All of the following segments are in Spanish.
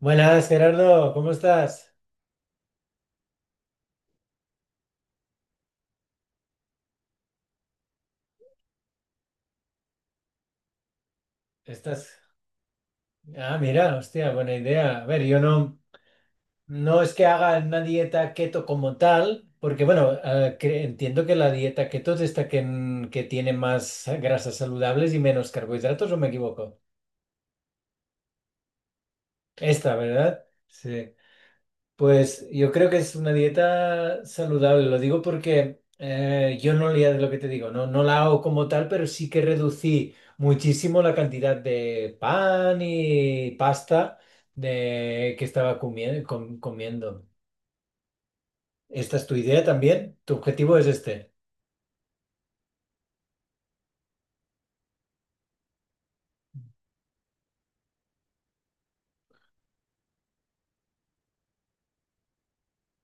Buenas, Gerardo, ¿cómo estás? Estás. Ah, mira, hostia, buena idea. A ver, yo no, no es que haga una dieta keto como tal, porque entiendo que la dieta keto es esta que tiene más grasas saludables y menos carbohidratos, ¿o me equivoco? Esta, ¿verdad? Sí. Pues yo creo que es una dieta saludable, lo digo porque yo no leía de lo que te digo, no la hago como tal, pero sí que reducí muchísimo la cantidad de pan y pasta que estaba comiendo. ¿Esta es tu idea también? ¿Tu objetivo es este?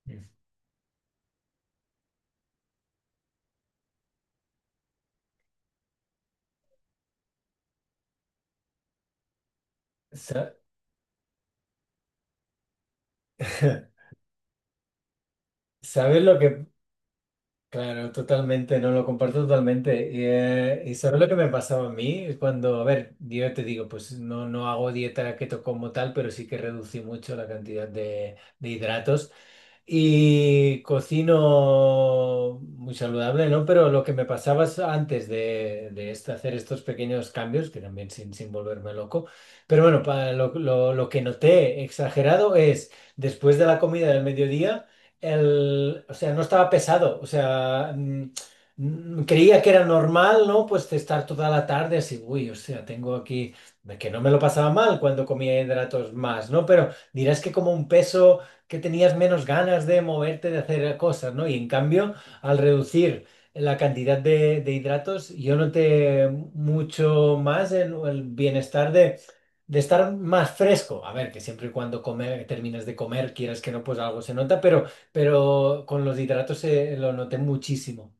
Mm. Sa- ¿Sabes lo que, claro, totalmente, no lo comparto totalmente. Y sabes lo que me pasaba a mí. A ver, yo te digo, pues no hago dieta keto como tal, pero sí que reducí mucho la cantidad de hidratos. Y cocino muy saludable, ¿no? Pero lo que me pasaba es antes de hacer estos pequeños cambios, que también sin volverme loco, pero lo que noté exagerado es después de la comida del mediodía, o sea, no estaba pesado, o sea, creía que era normal, ¿no? Pues de estar toda la tarde así, uy, o sea, tengo aquí, que no me lo pasaba mal cuando comía hidratos más, ¿no? Pero dirás que como un peso, que tenías menos ganas de moverte, de hacer cosas, ¿no? Y en cambio, al reducir la cantidad de hidratos, yo noté mucho más en el bienestar de estar más fresco. A ver, que siempre y cuando comer, termines de comer, quieras que no, pues algo se nota, pero con los hidratos lo noté muchísimo.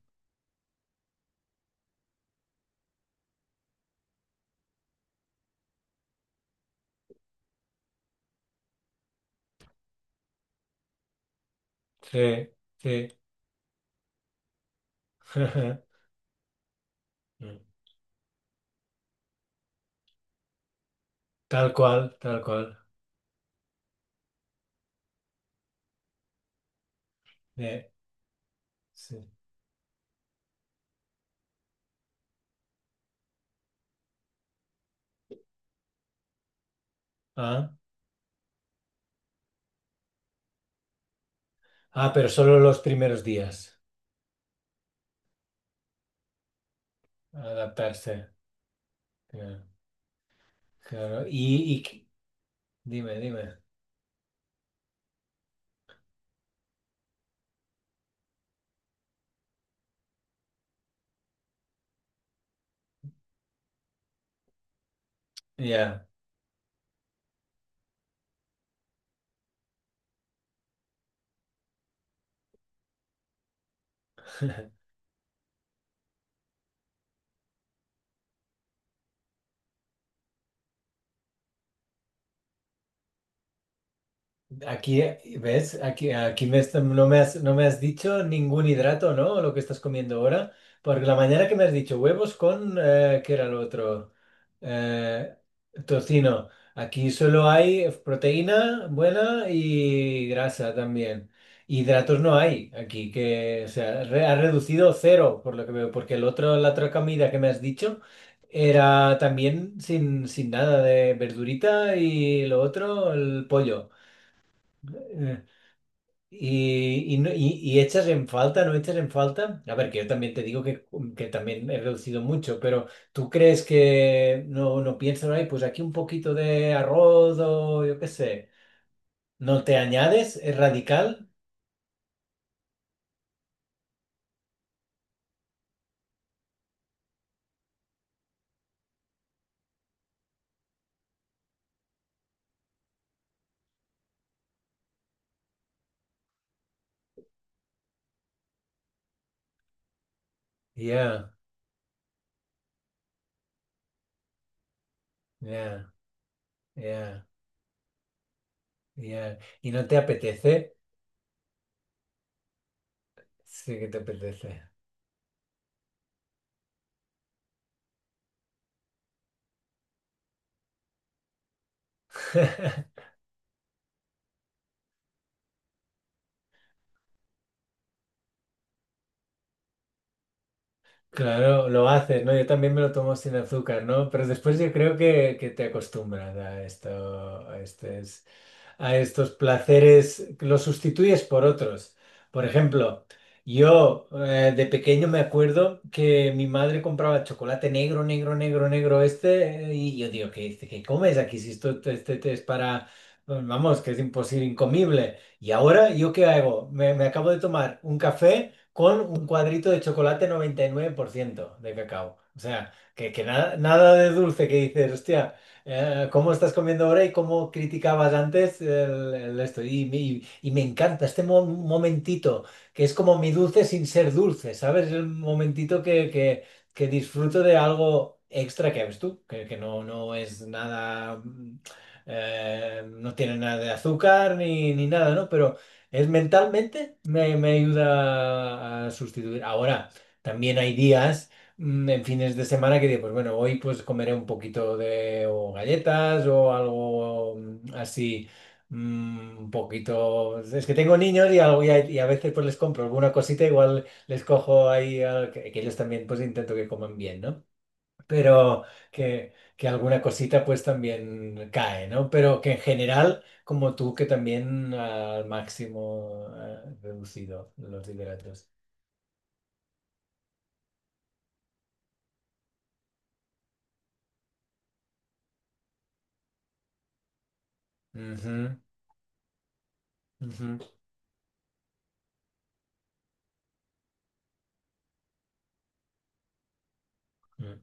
Sí, sí. Mm. Tal cual, tal cual. Eh, sí. Ah, ah, pero solo los primeros días. Adaptarse. Eh. Claro, dime, dime. Ya, aquí, ¿ves? Aquí me est- no me no me has dicho ningún hidrato, ¿no? Lo que estás comiendo ahora. Porque la mañana que me has dicho huevos con, ¿qué era lo otro? Eh, tocino. Aquí solo hay proteína buena y grasa también. Hidratos no hay aquí, que, o sea, re- ha reducido cero, por lo que veo, porque la otra comida que me has dicho era también sin nada de verdurita y lo otro, el pollo. Eh, y, no- y echas en falta, no echas en falta. A ver, que yo también te digo que también he reducido mucho, pero ¿tú crees que no piensas, ay, pues aquí un poquito de arroz o yo qué sé? ¿No te añades? ¿Es radical? Ya, ya, ya, ya. ¿Y no te apetece? Sí que te apetece. Claro, lo haces, ¿no? Yo también me lo tomo sin azúcar, ¿no? Pero después yo creo que te acostumbras a esto, a esto, a estos placeres, los sustituyes por otros. Por ejemplo, yo, de pequeño me acuerdo que mi madre compraba chocolate negro, negro, negro, negro este, y yo digo, ¿qué, qué comes aquí si esto este, te es para, pues, vamos, que es imposible, incomible? Y ahora, ¿yo qué hago? Me acabo de tomar un café con un cuadrito de chocolate 99% de cacao. O sea, que nada, nada de dulce que dices, hostia. ¿Cómo estás comiendo ahora y cómo criticabas antes el esto? Y me encanta este momentito, que es como mi dulce sin ser dulce, ¿sabes? Es el momentito que disfruto de algo extra que ves tú, que no, no es nada, mm, no tiene nada de azúcar ni, ni nada, ¿no? Pero es mentalmente me, me ayuda a sustituir. Ahora, también hay días. Mm, en fines de semana que digo, pues bueno, hoy pues comeré un poquito de o galletas o algo mm, así, mm, un poquito. Es que tengo niños y, algo, y a veces pues les compro alguna cosita, igual les cojo ahí, al- que ellos también pues intento que coman bien, ¿no? Pero que alguna cosita pues también cae, ¿no? Pero que en general, como tú, que también al máximo reducido los hidratos. Ujú, ujú.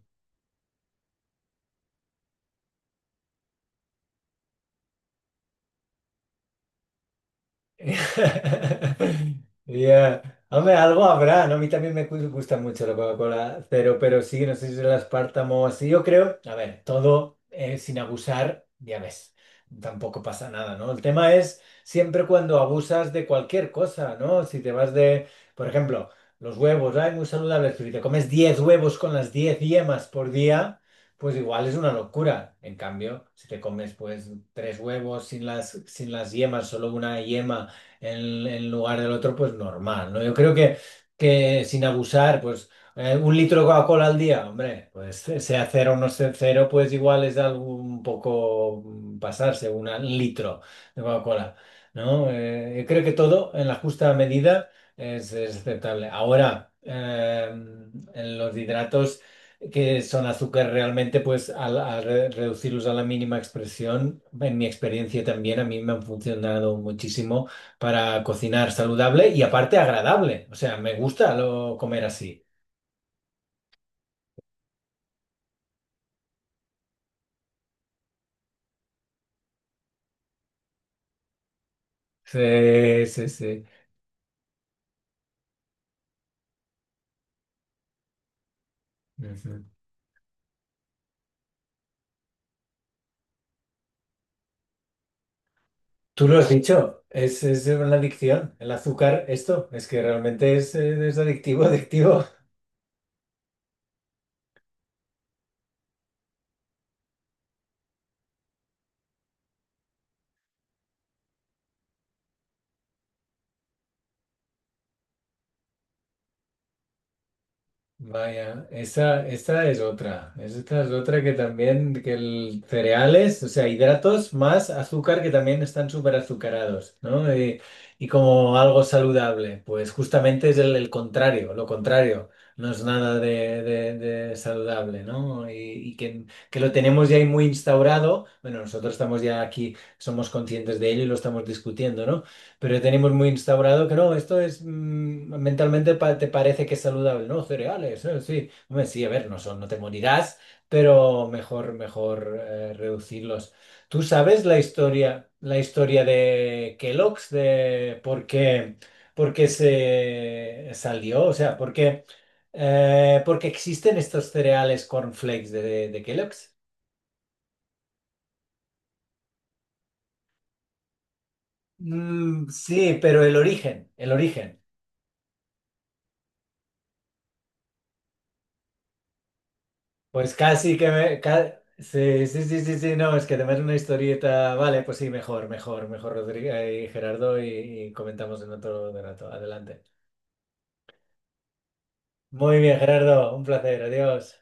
Ya. Hombre, algo habrá, ¿no? A mí también me gusta mucho la Coca-Cola cero, pero sí, no sé si es el aspartamo o así. Yo creo, a ver, todo sin abusar, ya ves, tampoco pasa nada, ¿no? El tema es siempre cuando abusas de cualquier cosa, ¿no? Si te vas de, por ejemplo, los huevos, ay, muy saludables, pero si te comes 10 huevos con las 10 yemas por día, pues igual es una locura. En cambio, si te comes, pues, tres huevos sin sin las yemas, solo una yema en lugar del otro, pues normal, ¿no? Yo creo que sin abusar, pues un litro de Coca-Cola al día, hombre, pues sea cero o no sea cero, pues igual es algo un poco mm, pasarse, una- un litro de Coca-Cola, ¿no? Yo creo que todo en la justa medida es aceptable. Ahora, en los hidratos que son azúcar realmente, pues al, al re- reducirlos a la mínima expresión, en mi experiencia también, a mí me han funcionado muchísimo para cocinar saludable y aparte agradable. O sea, me gusta lo, comer así. Sí, sí, sí. Ujú. Tú lo has dicho, es una adicción. El azúcar, esto, es que realmente es adictivo, adictivo. Vaya, esta es otra. Esta es otra que también, que el cereales, o sea, hidratos más azúcar que también están súper azucarados, ¿no? Y como algo saludable, pues justamente es el contrario, lo contrario. No es nada de, de saludable, ¿no? Y que lo tenemos ya ahí muy instaurado. Bueno, nosotros estamos ya aquí, somos conscientes de ello y lo estamos discutiendo, ¿no? Pero ya tenemos muy instaurado que no, esto es mm, mentalmente pa- te parece que es saludable, ¿no? Cereales, sí. Hombre, sí, a ver, no son, no te morirás, pero mejor, mejor reducirlos. ¿Tú sabes la historia de Kellogg's, de por qué se salió? O sea, por qué existen estos cereales cornflakes de Kellogg's? Mm, sí, pero el origen, el origen. Pues casi que me... ca- sí, sí, sí, sí, sí, no, es que además una historieta... Vale, pues sí, mejor, mejor, mejor, Rodrigo y Gerardo, y comentamos en otro rato. Adelante. Muy bien, Gerardo, un placer, adiós.